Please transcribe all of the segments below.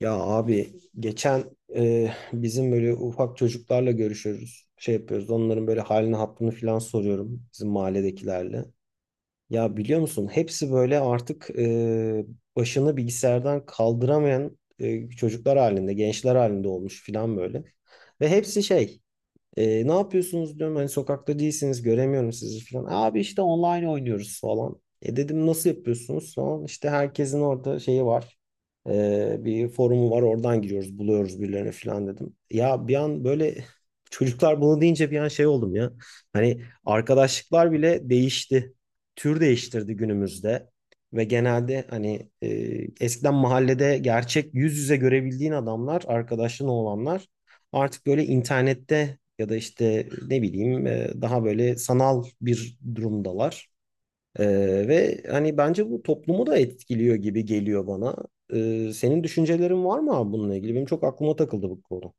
Ya abi geçen bizim böyle ufak çocuklarla görüşüyoruz. Şey yapıyoruz. Onların böyle halini hattını falan soruyorum bizim mahalledekilerle. Ya biliyor musun hepsi böyle artık başını bilgisayardan kaldıramayan çocuklar halinde, gençler halinde olmuş falan böyle. Ve hepsi şey ne yapıyorsunuz diyorum hani sokakta değilsiniz göremiyorum sizi falan. Abi işte online oynuyoruz falan. E dedim nasıl yapıyorsunuz falan. İşte herkesin orada şeyi var. E, bir forumu var oradan giriyoruz buluyoruz birilerini falan dedim. Ya bir an böyle çocuklar bunu deyince bir an şey oldum ya. Hani arkadaşlıklar bile değişti. Tür değiştirdi günümüzde. Ve genelde hani eskiden mahallede gerçek yüz yüze görebildiğin adamlar arkadaşın olanlar artık böyle internette ya da işte ne bileyim daha böyle sanal bir durumdalar. E, ve hani bence bu toplumu da etkiliyor gibi geliyor bana. E, senin düşüncelerin var mı abi bununla ilgili? Benim çok aklıma takıldı bu konu.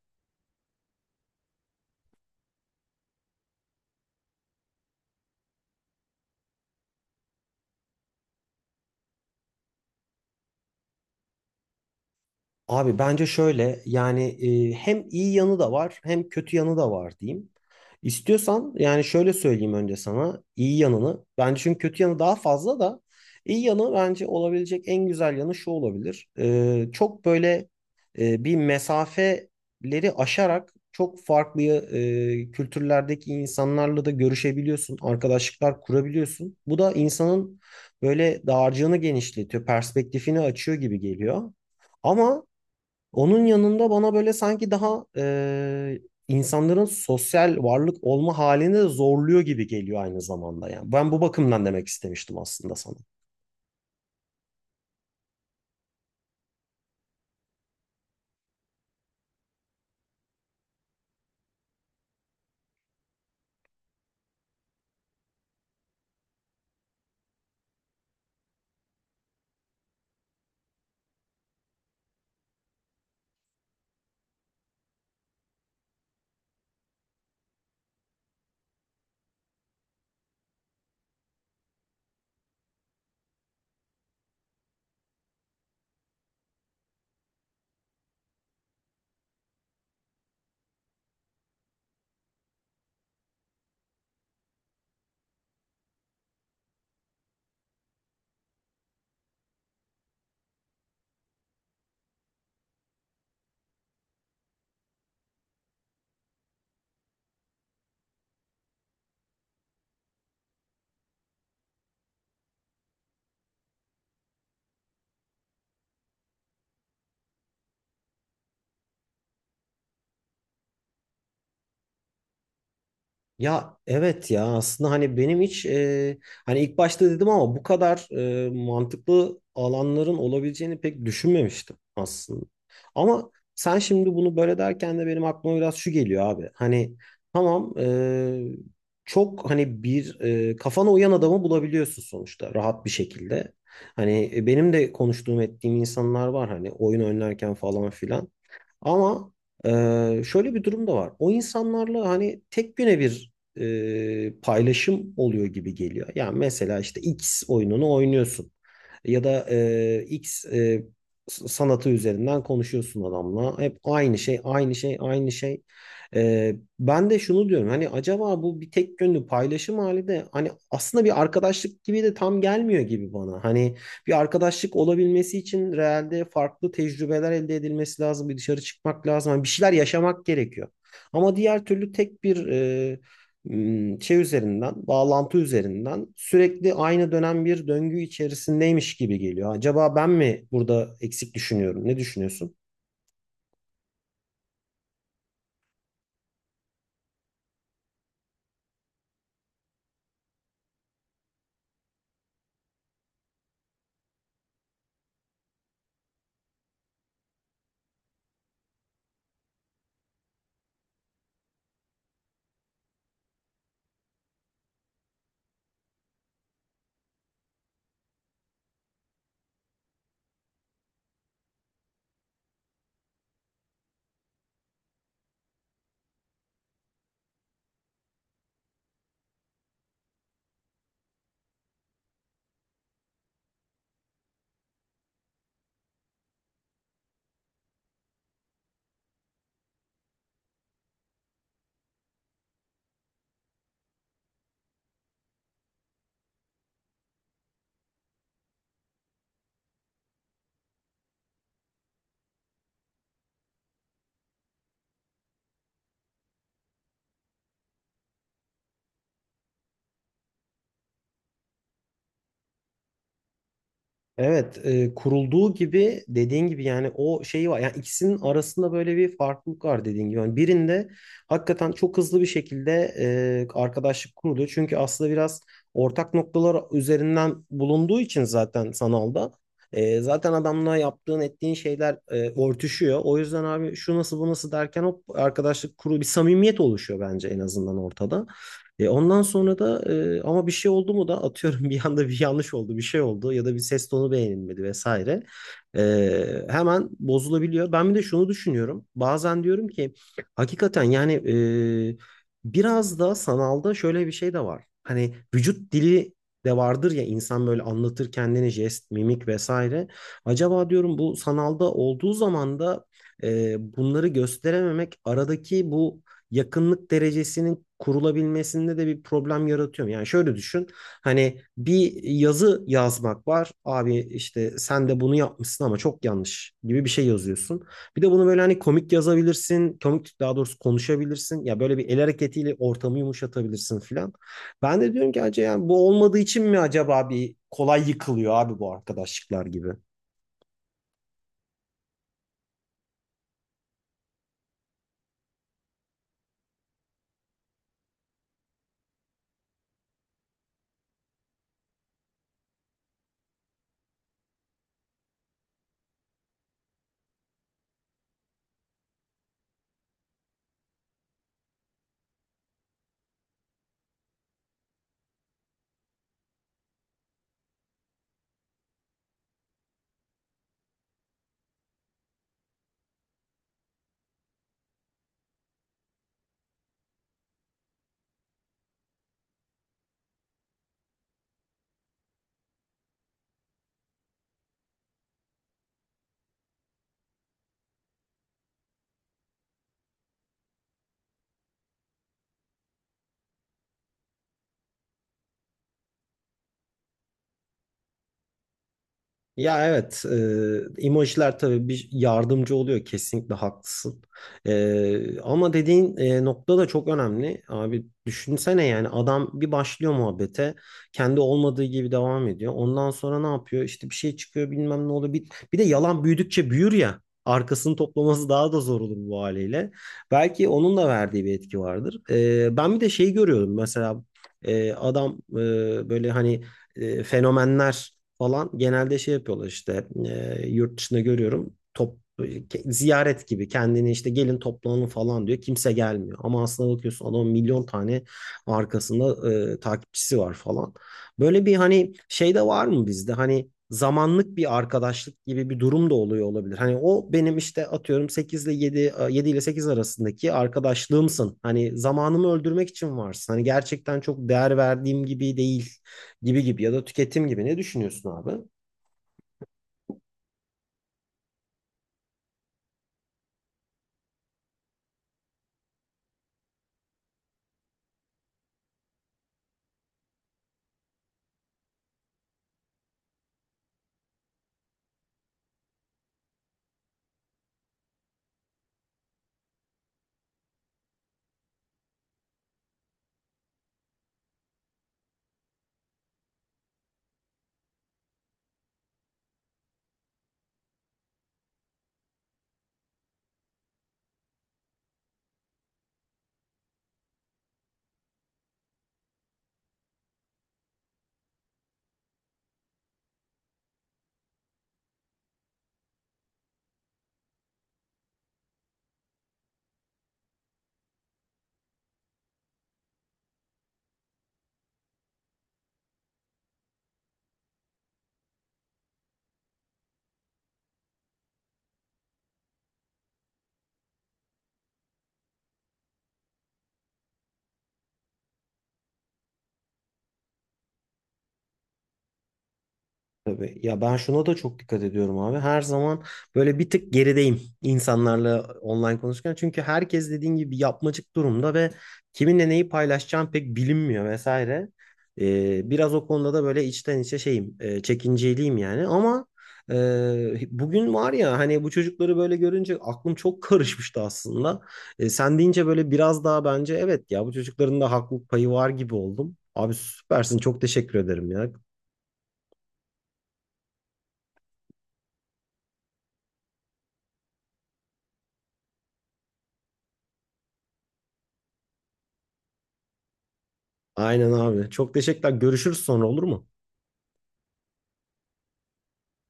Abi bence şöyle yani hem iyi yanı da var hem kötü yanı da var diyeyim. İstiyorsan yani şöyle söyleyeyim önce sana iyi yanını. Bence çünkü kötü yanı daha fazla da iyi yanı bence olabilecek en güzel yanı şu olabilir. E, çok böyle bir mesafeleri aşarak çok farklı kültürlerdeki insanlarla da görüşebiliyorsun. Arkadaşlıklar kurabiliyorsun. Bu da insanın böyle dağarcığını genişletiyor, perspektifini açıyor gibi geliyor. Ama onun yanında bana böyle sanki daha insanların sosyal varlık olma halini de zorluyor gibi geliyor aynı zamanda yani. Ben bu bakımdan demek istemiştim aslında sana. Ya evet ya aslında hani benim hiç hani ilk başta dedim ama bu kadar mantıklı alanların olabileceğini pek düşünmemiştim aslında. Ama sen şimdi bunu böyle derken de benim aklıma biraz şu geliyor abi. Hani tamam çok hani bir kafana uyan adamı bulabiliyorsun sonuçta rahat bir şekilde. Hani benim de konuştuğum ettiğim insanlar var hani oyun oynarken falan filan. Ama şöyle bir durum da var. O insanlarla hani tek güne bir paylaşım oluyor gibi geliyor. Yani mesela işte X oyununu oynuyorsun ya da X sanatı üzerinden konuşuyorsun adamla. Hep aynı şey, aynı şey, aynı şey. E, ben de şunu diyorum hani acaba bu bir tek yönlü paylaşım hali de hani aslında bir arkadaşlık gibi de tam gelmiyor gibi bana. Hani bir arkadaşlık olabilmesi için realde farklı tecrübeler elde edilmesi lazım. Bir dışarı çıkmak lazım. Hani bir şeyler yaşamak gerekiyor. Ama diğer türlü tek bir şey üzerinden, bağlantı üzerinden sürekli aynı dönem bir döngü içerisindeymiş gibi geliyor. Acaba ben mi burada eksik düşünüyorum? Ne düşünüyorsun? Evet, kurulduğu gibi dediğin gibi yani o şeyi var. Yani ikisinin arasında böyle bir farklılık var dediğin gibi. Yani birinde hakikaten çok hızlı bir şekilde arkadaşlık kuruluyor. Çünkü aslında biraz ortak noktalar üzerinden bulunduğu için zaten sanalda. E, zaten adamla yaptığın ettiğin şeyler örtüşüyor. O yüzden abi şu nasıl bu nasıl derken hop arkadaşlık kuru bir samimiyet oluşuyor bence en azından ortada. E, ondan sonra da ama bir şey oldu mu da atıyorum bir anda bir yanlış oldu, bir şey oldu ya da bir ses tonu beğenilmedi vesaire. E, hemen bozulabiliyor. Ben bir de şunu düşünüyorum. Bazen diyorum ki hakikaten yani biraz da sanalda şöyle bir şey de var. Hani vücut dili de vardır ya insan böyle anlatır kendini jest, mimik vesaire. Acaba diyorum bu sanalda olduğu zaman da bunları gösterememek aradaki bu yakınlık derecesinin kurulabilmesinde de bir problem yaratıyor. Yani şöyle düşün. Hani bir yazı yazmak var. Abi işte sen de bunu yapmışsın ama çok yanlış gibi bir şey yazıyorsun. Bir de bunu böyle hani komik yazabilirsin. Komik daha doğrusu konuşabilirsin. Ya böyle bir el hareketiyle ortamı yumuşatabilirsin filan. Ben de diyorum ki acaba yani bu olmadığı için mi acaba bir kolay yıkılıyor abi bu arkadaşlıklar gibi. Ya evet, emojiler tabii bir yardımcı oluyor kesinlikle haklısın. E, ama dediğin nokta da çok önemli. Abi düşünsene yani adam bir başlıyor muhabbete, kendi olmadığı gibi devam ediyor. Ondan sonra ne yapıyor? İşte bir şey çıkıyor bilmem ne oluyor. Bir de yalan büyüdükçe büyür ya. Arkasını toplaması daha da zor olur bu haliyle. Belki onun da verdiği bir etki vardır. E, ben bir de şeyi görüyorum mesela adam böyle hani fenomenler falan genelde şey yapıyorlar işte yurt dışında görüyorum ziyaret gibi kendini işte gelin toplanın falan diyor kimse gelmiyor ama aslında bakıyorsun adamın milyon tane arkasında takipçisi var falan böyle bir hani şey de var mı bizde hani zamanlık bir arkadaşlık gibi bir durum da oluyor olabilir hani o benim işte atıyorum 8 ile 7 ile 8 arasındaki arkadaşlığımsın hani zamanımı öldürmek için varsın hani gerçekten çok değer verdiğim gibi değil gibi gibi ya da tüketim gibi ne düşünüyorsun abi? Tabii. Ya ben şuna da çok dikkat ediyorum abi. Her zaman böyle bir tık gerideyim insanlarla online konuşurken. Çünkü herkes dediğin gibi yapmacık durumda ve kiminle neyi paylaşacağım pek bilinmiyor vesaire. Biraz o konuda da böyle içten içe şeyim, çekinceliyim yani. Ama bugün var ya hani bu çocukları böyle görünce aklım çok karışmıştı aslında. E, sen deyince böyle biraz daha bence evet ya bu çocukların da haklılık payı var gibi oldum. Abi süpersin çok teşekkür ederim ya. Aynen abi. Çok teşekkürler. Görüşürüz sonra olur mu?